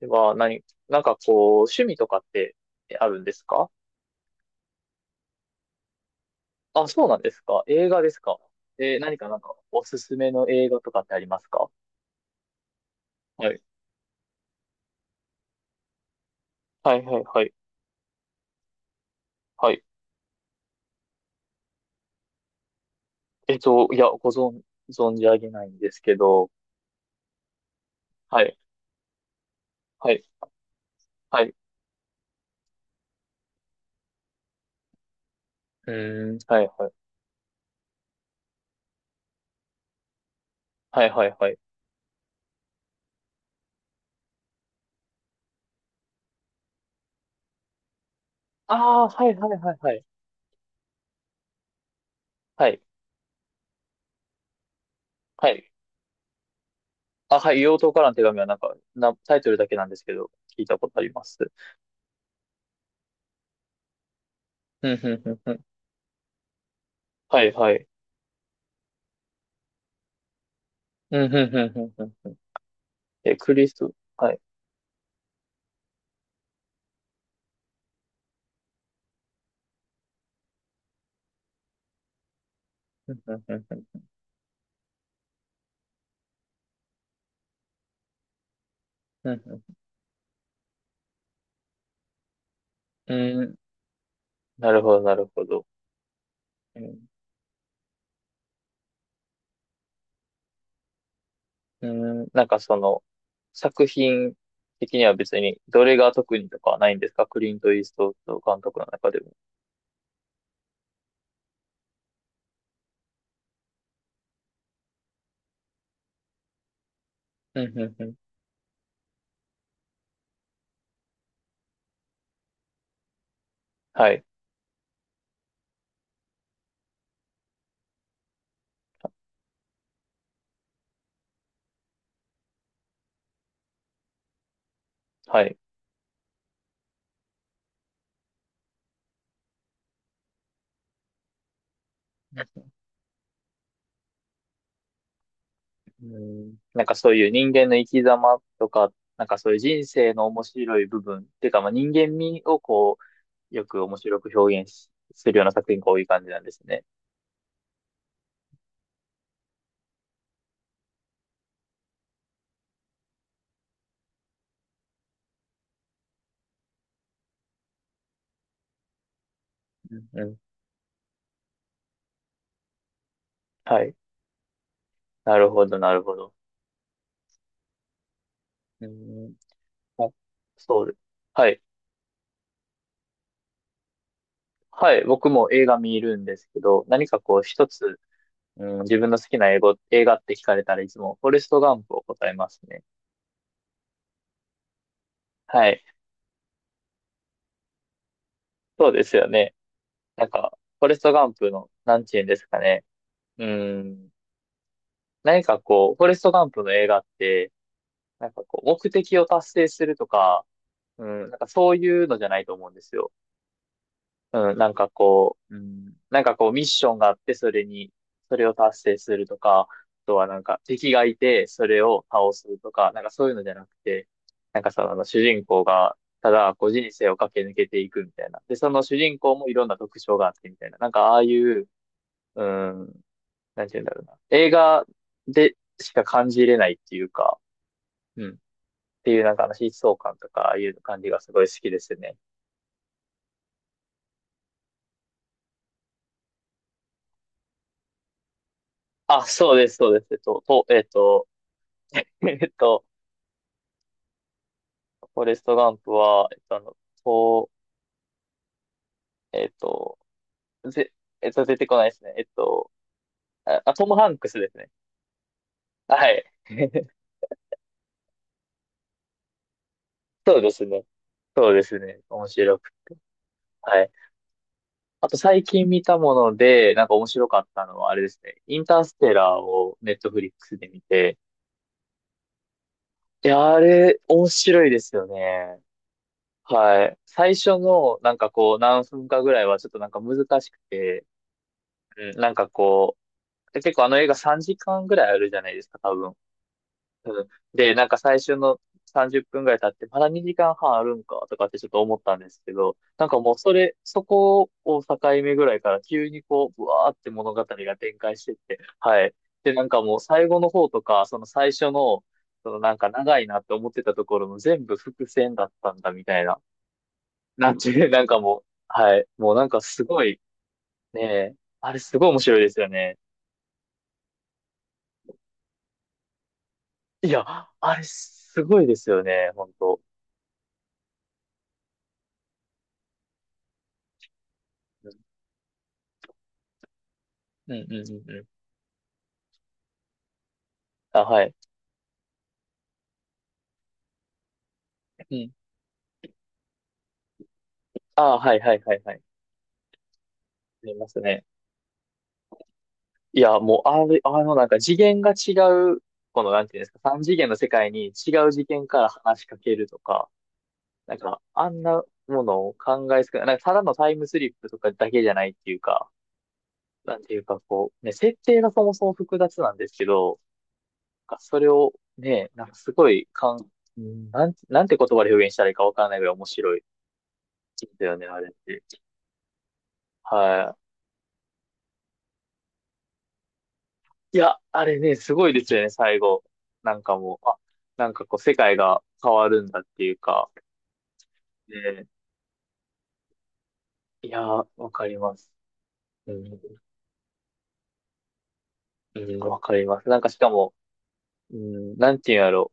では、趣味とかってあるんですか？あ、そうなんですか。映画ですか。おすすめの映画とかってありますか？はい。はいはいはい。はい。いや、存じ上げないんですけど。はい。はい。はい。うーん。はいはい。はいはいはい。ああ、はいはいはいはい。はい。はい。あ、はい。硫黄島からの手紙はタイトルだけなんですけど、聞いたことあります。うん、うん、うん、ふん。はいはい。うん、うん、うん、うん、うん。ふん。え、クリスト、はい。うん、なるほど、なるほど。うん、うんなんかその、作品的には別に、どれが特にとかはないんですか？クリント・イーストウッド監督の中でも。うんうんうん。はい、はい。うん、なんかそういう人間の生き様とか、なんかそういう人生の面白い部分っていうか、まあ、人間味をこう、よく面白く表現するような作品が多い感じなんですね。うんうん。はい。なるほど、なるほど。うん。あ、そうです。はい。はい。僕も映画見るんですけど、こう一つ、うん、自分の好きな英語、映画って聞かれたらいつも、フォレストガンプを答えますね。はい。そうですよね。なんか、フォレストガンプの、なんて言うんですかね。うん。こう、フォレストガンプの映画って、なんかこう、目的を達成するとか、うん、なんかそういうのじゃないと思うんですよ。うん、なんかこうミッションがあって、それに、それを達成するとか、あとはなんか敵がいて、それを倒すとか、なんかそういうのじゃなくて、なんかその主人公が、ただこう人生を駆け抜けていくみたいな。で、その主人公もいろんな特徴があってみたいな。なんかああいう、うん、なんて言うんだろうな。映画でしか感じれないっていうか、うん。っていう疾走感とか、ああいう感じがすごい好きですね。あ、そうです、そうです。えっと、と、えっと、えっと、フォレストガンプは、えっと、あの、と、えっと、ぜ、えっと、出てこないですね。あ、トム・ハンクスですね。はい。そうですね。そうですね。面白く。はい。あと最近見たもので、なんか面白かったのは、あれですね。インターステラーをネットフリックスで見て、いや、あれ、面白いですよね。はい。最初の、なんかこう、何分かぐらいはちょっとなんか難しくて、うん、なんかこう、結構あの映画3時間ぐらいあるじゃないですか、多分。うん。で、なんか最初の30分ぐらい経って、まだ2時間半あるんかとかってちょっと思ったんですけど、なんかもうそこを境目ぐらいから急にこう、ぶわーって物語が展開してって、はい。で、なんかもう最後の方とか、その最初の、そのなんか長いなって思ってたところも全部伏線だったんだみたいな。なんていう、なんかもう、はい。もうなんかすごい、ねえ、あれすごい面白いですよね。いや、あれすごいですよね、本当。うんうんうんうん。あ、はい。うん。ああ、はいはいはいはい。ありますね。いや、もう、なんか次元が違う、この、なんていうんですか、三次元の世界に違う次元から話しかけるとか、なんか、あんなものを考えすくない、なんか、ただのタイムスリップとかだけじゃないっていうか、なんていうか、こう、ね、設定がそもそも複雑なんですけど、なんかそれをね、なんかすごい、かん、うんなんて、なんて言葉で表現したらいいかわからないぐらい面白いですよね、あれって。はい。いや、あれね、すごいですよね、最後。なんかもう、あ、なんかこう、世界が変わるんだっていうか。ね、いやー、わかります。うん、うん、わかります。なんかしかも、うん、なんていうんやろ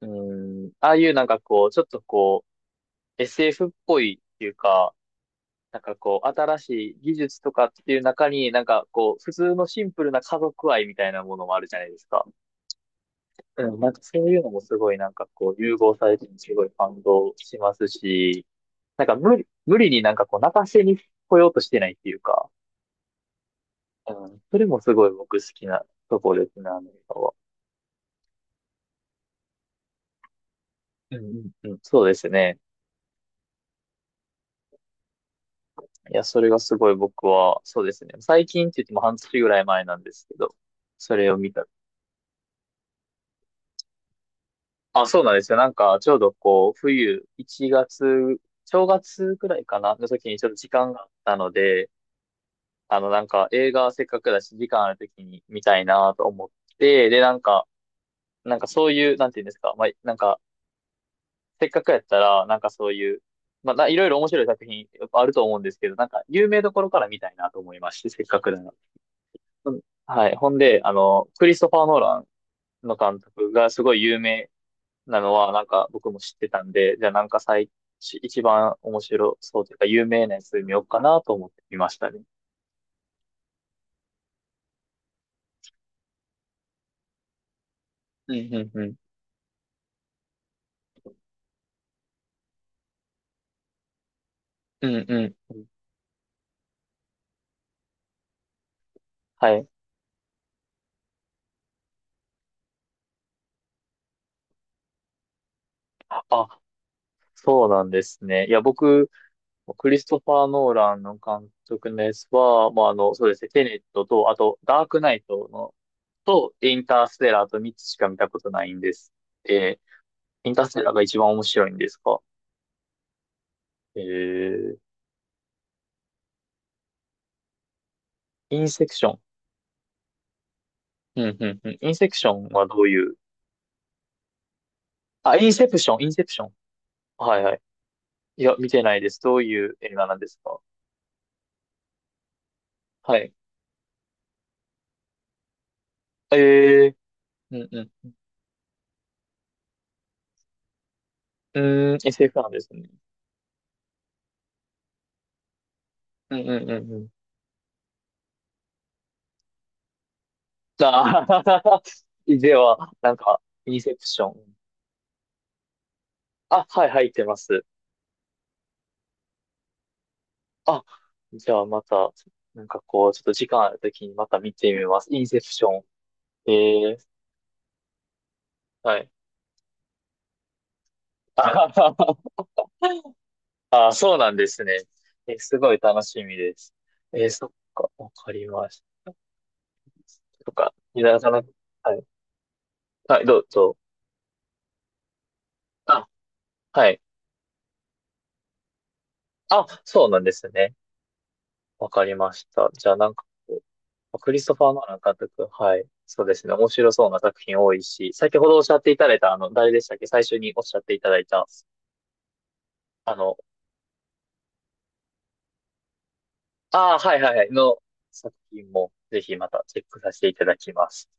う。うん、ああいうなんかこう、ちょっとこう、SF っぽいっていうか、なんかこう、新しい技術とかっていう中に、なんかこう、普通のシンプルな家族愛みたいなものもあるじゃないですか。うん、なんかそういうのもすごいなんかこう融合されててすごい感動しますし、無理になんかこう泣かせに来ようとしてないっていうか、うん、それもすごい僕好きなところですね、アメリカは。うんうんうん、そうですね。いや、それがすごい僕は、そうですね。最近って言っても半年ぐらい前なんですけど、それを見た。あ、そうなんですよ。なんかちょうどこう冬、1月、正月くらいかな、の時にちょっと時間があったので、あの、なんか映画せっかくだし、時間あるときに見たいなと思って、で、なんか、なんかそういう、なんていうんですか、まあ、なんか、せっかくやったら、なんかそういう、まあ、いろいろ面白い作品あると思うんですけど、なんか、有名どころから見たいなと思いまして、せっかくなら。うん。はい。ほんで、あの、クリストファー・ノーランの監督がすごい有名なのは、なんか僕も知ってたんで、じゃあなんか最、一番面白そうというか、有名なやつ見ようかなと思ってみましたね。うん、うん、うん。うん、うんうん。はい。あ、そうなんですね。いや、僕、クリストファー・ノーランの監督のやつは、まあ、あの、そうですね、テネットと、あと、ダークナイトの、と、インターステラーと3つしか見たことないんです。えー、インターステラーが一番面白いんですか？えー、インセクション。うん、うん、うん。インセクションはどういう、あ、インセプション、インセプション。はい、はい。いや、見てないです。どういう映画なんですか？はい。えー、うん、うん。うーん、SF なんですね。うん、うん、うん、あ。 では、なんか、インセプション。あ、はい、入ってます。あ、じゃあまた、なんかこう、ちょっと時間あるときにまた見てみます。インセプション。ええ。はい。あ、 あ、そうなんですね。えすごい楽しみです。えー、そっか、わかりました。とか、いたさな、はい。はい、どうぞ。あ、はい。あ、そうなんですね。わかりました。じゃあなんか、クリストファー・ノーラン監督。はい。そうですね。面白そうな作品多いし、先ほどおっしゃっていただいた、あの、誰でしたっけ、最初におっしゃっていただいた、あの、ああ、はいはいはい、の作品も、ぜひまたチェックさせていただきます。